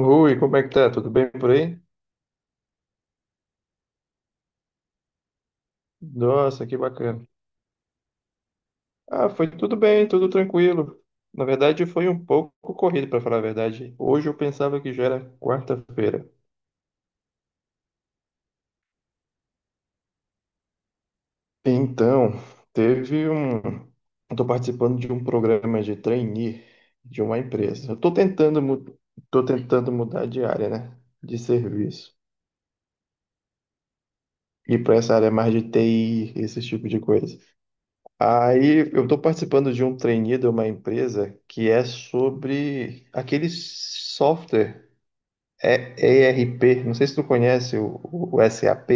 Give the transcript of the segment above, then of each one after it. Oi, como é que tá? Tudo bem por aí? Nossa, que bacana. Ah, foi tudo bem, tudo tranquilo. Na verdade, foi um pouco corrido, para falar a verdade. Hoje eu pensava que já era quarta-feira. Então, teve um. Estou participando de um programa de trainee de uma empresa. Eu estou tentando, mu- tô tentando mudar de área, né? De serviço. E para essa área mais de TI, esse tipo de coisa. Aí eu estou participando de um trainee de uma empresa que é sobre aquele software é ERP. Não sei se tu conhece o SAP.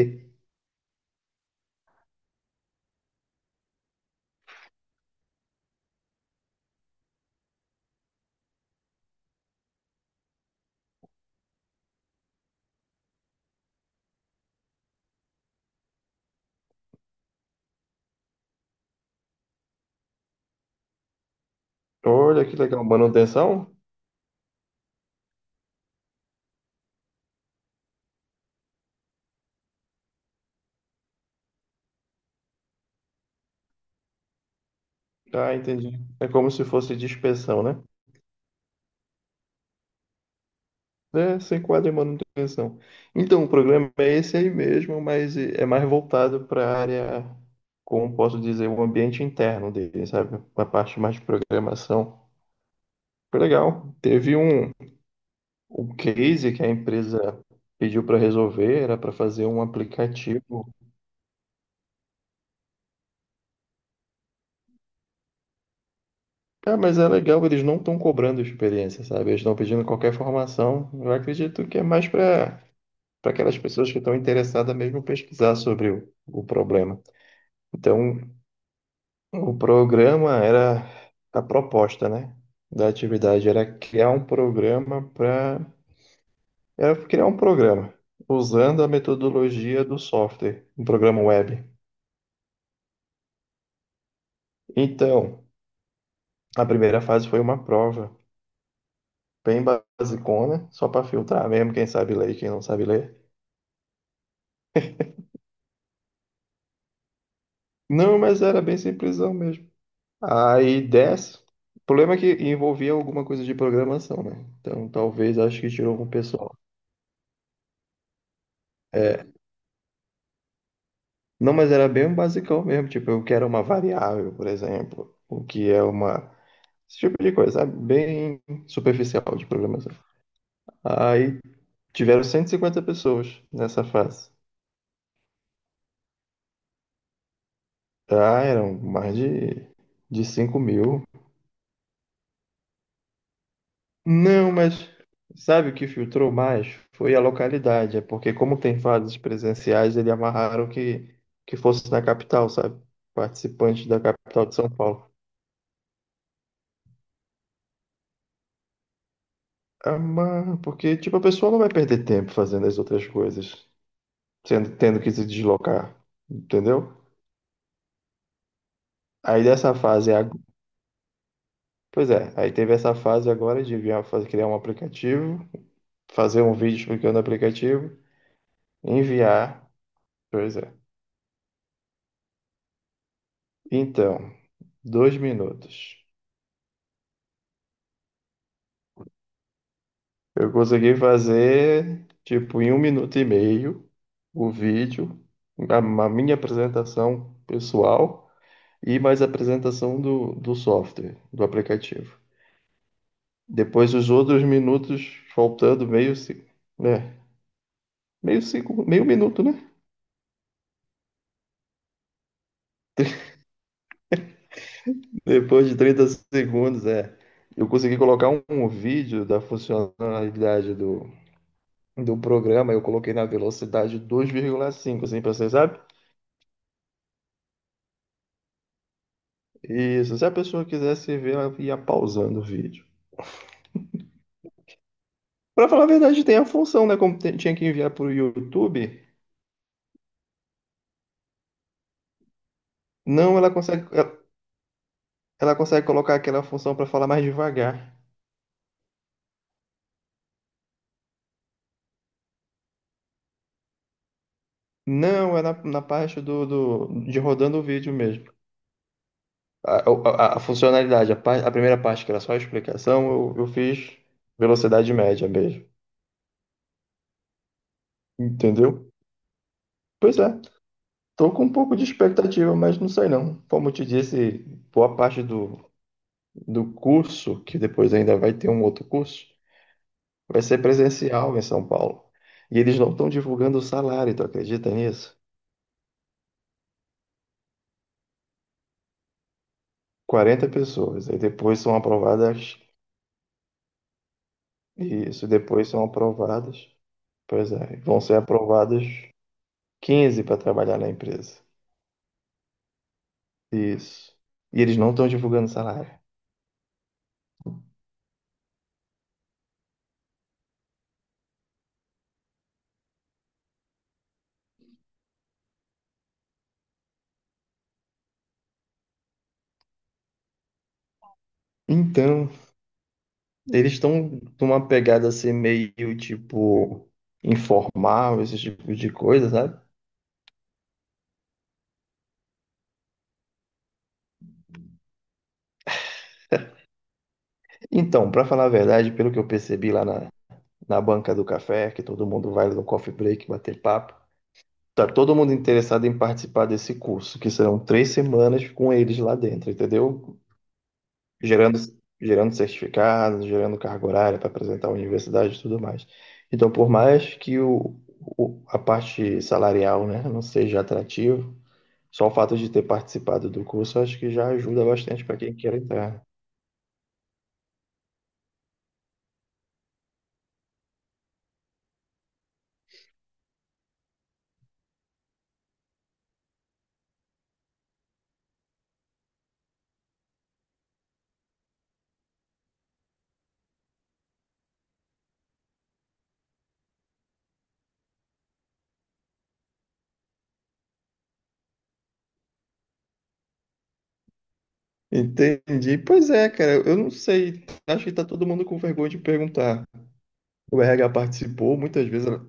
Olha que legal, manutenção? Ah, entendi. É como se fosse de inspeção, né? É, se enquadra em manutenção. Então, o programa é esse aí mesmo, mas é mais voltado para a área, como posso dizer, o ambiente interno dele, sabe? A parte mais de programação. Foi legal. Teve um. O case que a empresa pediu para resolver era para fazer um aplicativo. Ah, mas é legal, eles não estão cobrando experiência, sabe? Eles estão pedindo qualquer formação. Eu acredito que é mais para aquelas pessoas que estão interessadas mesmo em pesquisar sobre o problema. Então, o programa era a proposta, né? Da atividade era criar um programa para era criar um programa usando a metodologia do software, um programa web. Então, a primeira fase foi uma prova bem basicona, só para filtrar mesmo quem sabe ler e quem não sabe ler. Não, mas era bem simplesão mesmo. Aí desce. O problema é que envolvia alguma coisa de programação, né? Então talvez acho que tirou um pessoal. É, não, mas era bem um basicão mesmo, tipo, eu quero uma variável, por exemplo, o que é uma esse tipo de coisa, sabe? Bem superficial de programação. Aí tiveram 150 pessoas nessa fase. Ah, eram mais de 5.000. Não, mas sabe o que filtrou mais? Foi a localidade. É porque, como tem fases presenciais, eles amarraram que fosse na capital, sabe? Participantes da capital de São Paulo. Amarra, porque, tipo, a pessoa não vai perder tempo fazendo as outras coisas, tendo que se deslocar, entendeu? Aí dessa fase, ag- Pois é, aí teve essa fase agora de enviar, fazer, criar um aplicativo, fazer um vídeo explicando o aplicativo, enviar, pois é. Então, 2 minutos. Eu consegui fazer, tipo, em 1 minuto e meio, o vídeo, a minha apresentação pessoal e mais a apresentação do software, do aplicativo. Depois, os outros minutos, faltando meio, né? Meio, segundo, meio minuto, né? Depois de 30 segundos, é. Eu consegui colocar um vídeo da funcionalidade do programa, eu coloquei na velocidade 2,5 assim, pra você, sabe? Isso, se a pessoa quisesse ver, ela ia pausando o vídeo. Pra falar a verdade, tem a função, né? Como tinha que enviar pro YouTube, não, ela consegue colocar aquela função para falar mais devagar. Não, é na parte de rodando o vídeo mesmo. A funcionalidade, a primeira parte, que era só a explicação, eu fiz velocidade média mesmo. Entendeu? Pois é, tô com um pouco de expectativa, mas não sei não. Como eu te disse, boa parte do curso, que depois ainda vai ter um outro curso, vai ser presencial em São Paulo. E eles não estão divulgando o salário, tu acredita nisso? 40 pessoas. Aí depois são aprovadas. Isso, depois são aprovadas. Pois é, vão ser aprovadas 15 para trabalhar na empresa. Isso. E eles não estão divulgando salário. Então, eles estão numa pegada assim meio tipo informal, esse tipo de coisa, sabe? Então, para falar a verdade, pelo que eu percebi lá na banca do café, que todo mundo vai no coffee break bater papo. Tá todo mundo interessado em participar desse curso, que serão 3 semanas com eles lá dentro, entendeu? Gerando, gerando certificados, gerando carga horária para apresentar a universidade e tudo mais. Então, por mais que a parte salarial, né, não seja atrativo, só o fato de ter participado do curso, eu acho que já ajuda bastante para quem quer entrar. Entendi. Pois é, cara, eu não sei. Acho que tá todo mundo com vergonha de perguntar. O RH participou muitas vezes.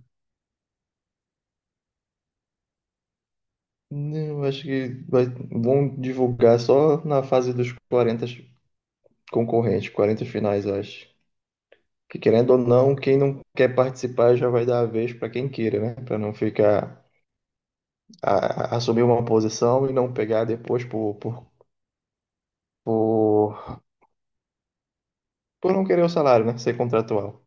Não, acho que vão divulgar só na fase dos 40 concorrentes, 40 finais, eu acho. Que querendo ou não, quem não quer participar já vai dar a vez para quem queira, né? Para não ficar assumir uma posição e não pegar depois por, por não querer o salário, né? Ser contratual.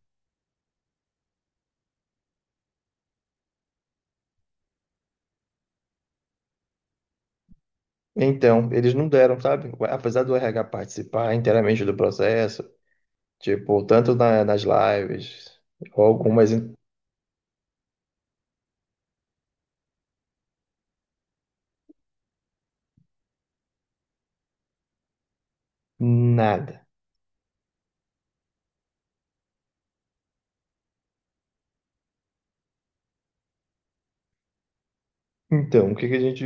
Então, eles não deram, sabe? Apesar do RH participar inteiramente do processo, tipo, tanto nas lives, ou algumas, nada. Então, o que que a gente,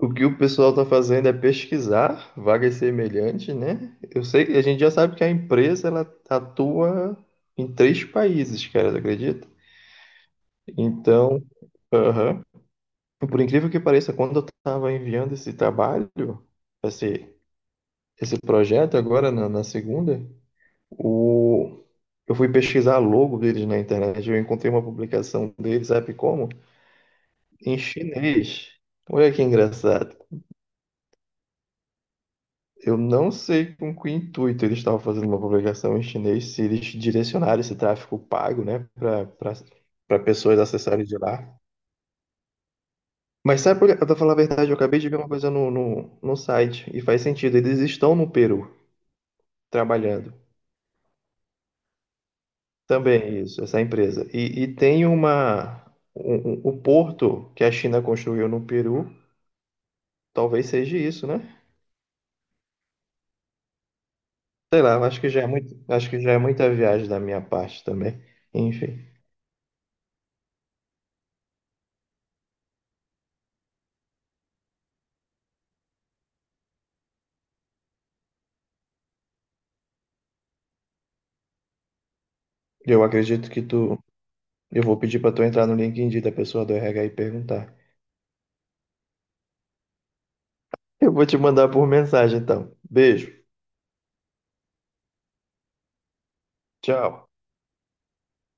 o que o pessoal está fazendo é pesquisar vagas semelhantes, né? Eu sei, a gente já sabe que a empresa ela atua em 3 países, cara, tu acredita? Então, aham. Por incrível que pareça, quando eu estava enviando esse trabalho, esse, esse projeto agora na segunda, o, eu fui pesquisar a logo deles na internet, eu encontrei uma publicação deles, sabe como? Em chinês. Olha que engraçado. Eu não sei com que intuito eles estavam fazendo uma publicação em chinês, se eles direcionaram esse tráfego pago, né, para pessoas acessarem de lá. Mas sabe, pra falar a verdade, eu acabei de ver uma coisa no site, e faz sentido, eles estão no Peru trabalhando. Também é isso, essa empresa. E tem uma. Um- um- O porto que a China construiu no Peru, talvez seja isso, né? Sei lá, eu acho que já é muito, acho que já é muita viagem da minha parte também. Enfim, eu acredito que tu. Eu vou pedir pra tu entrar no LinkedIn da pessoa do RH e perguntar. Eu vou te mandar por mensagem, então. Beijo. Tchau.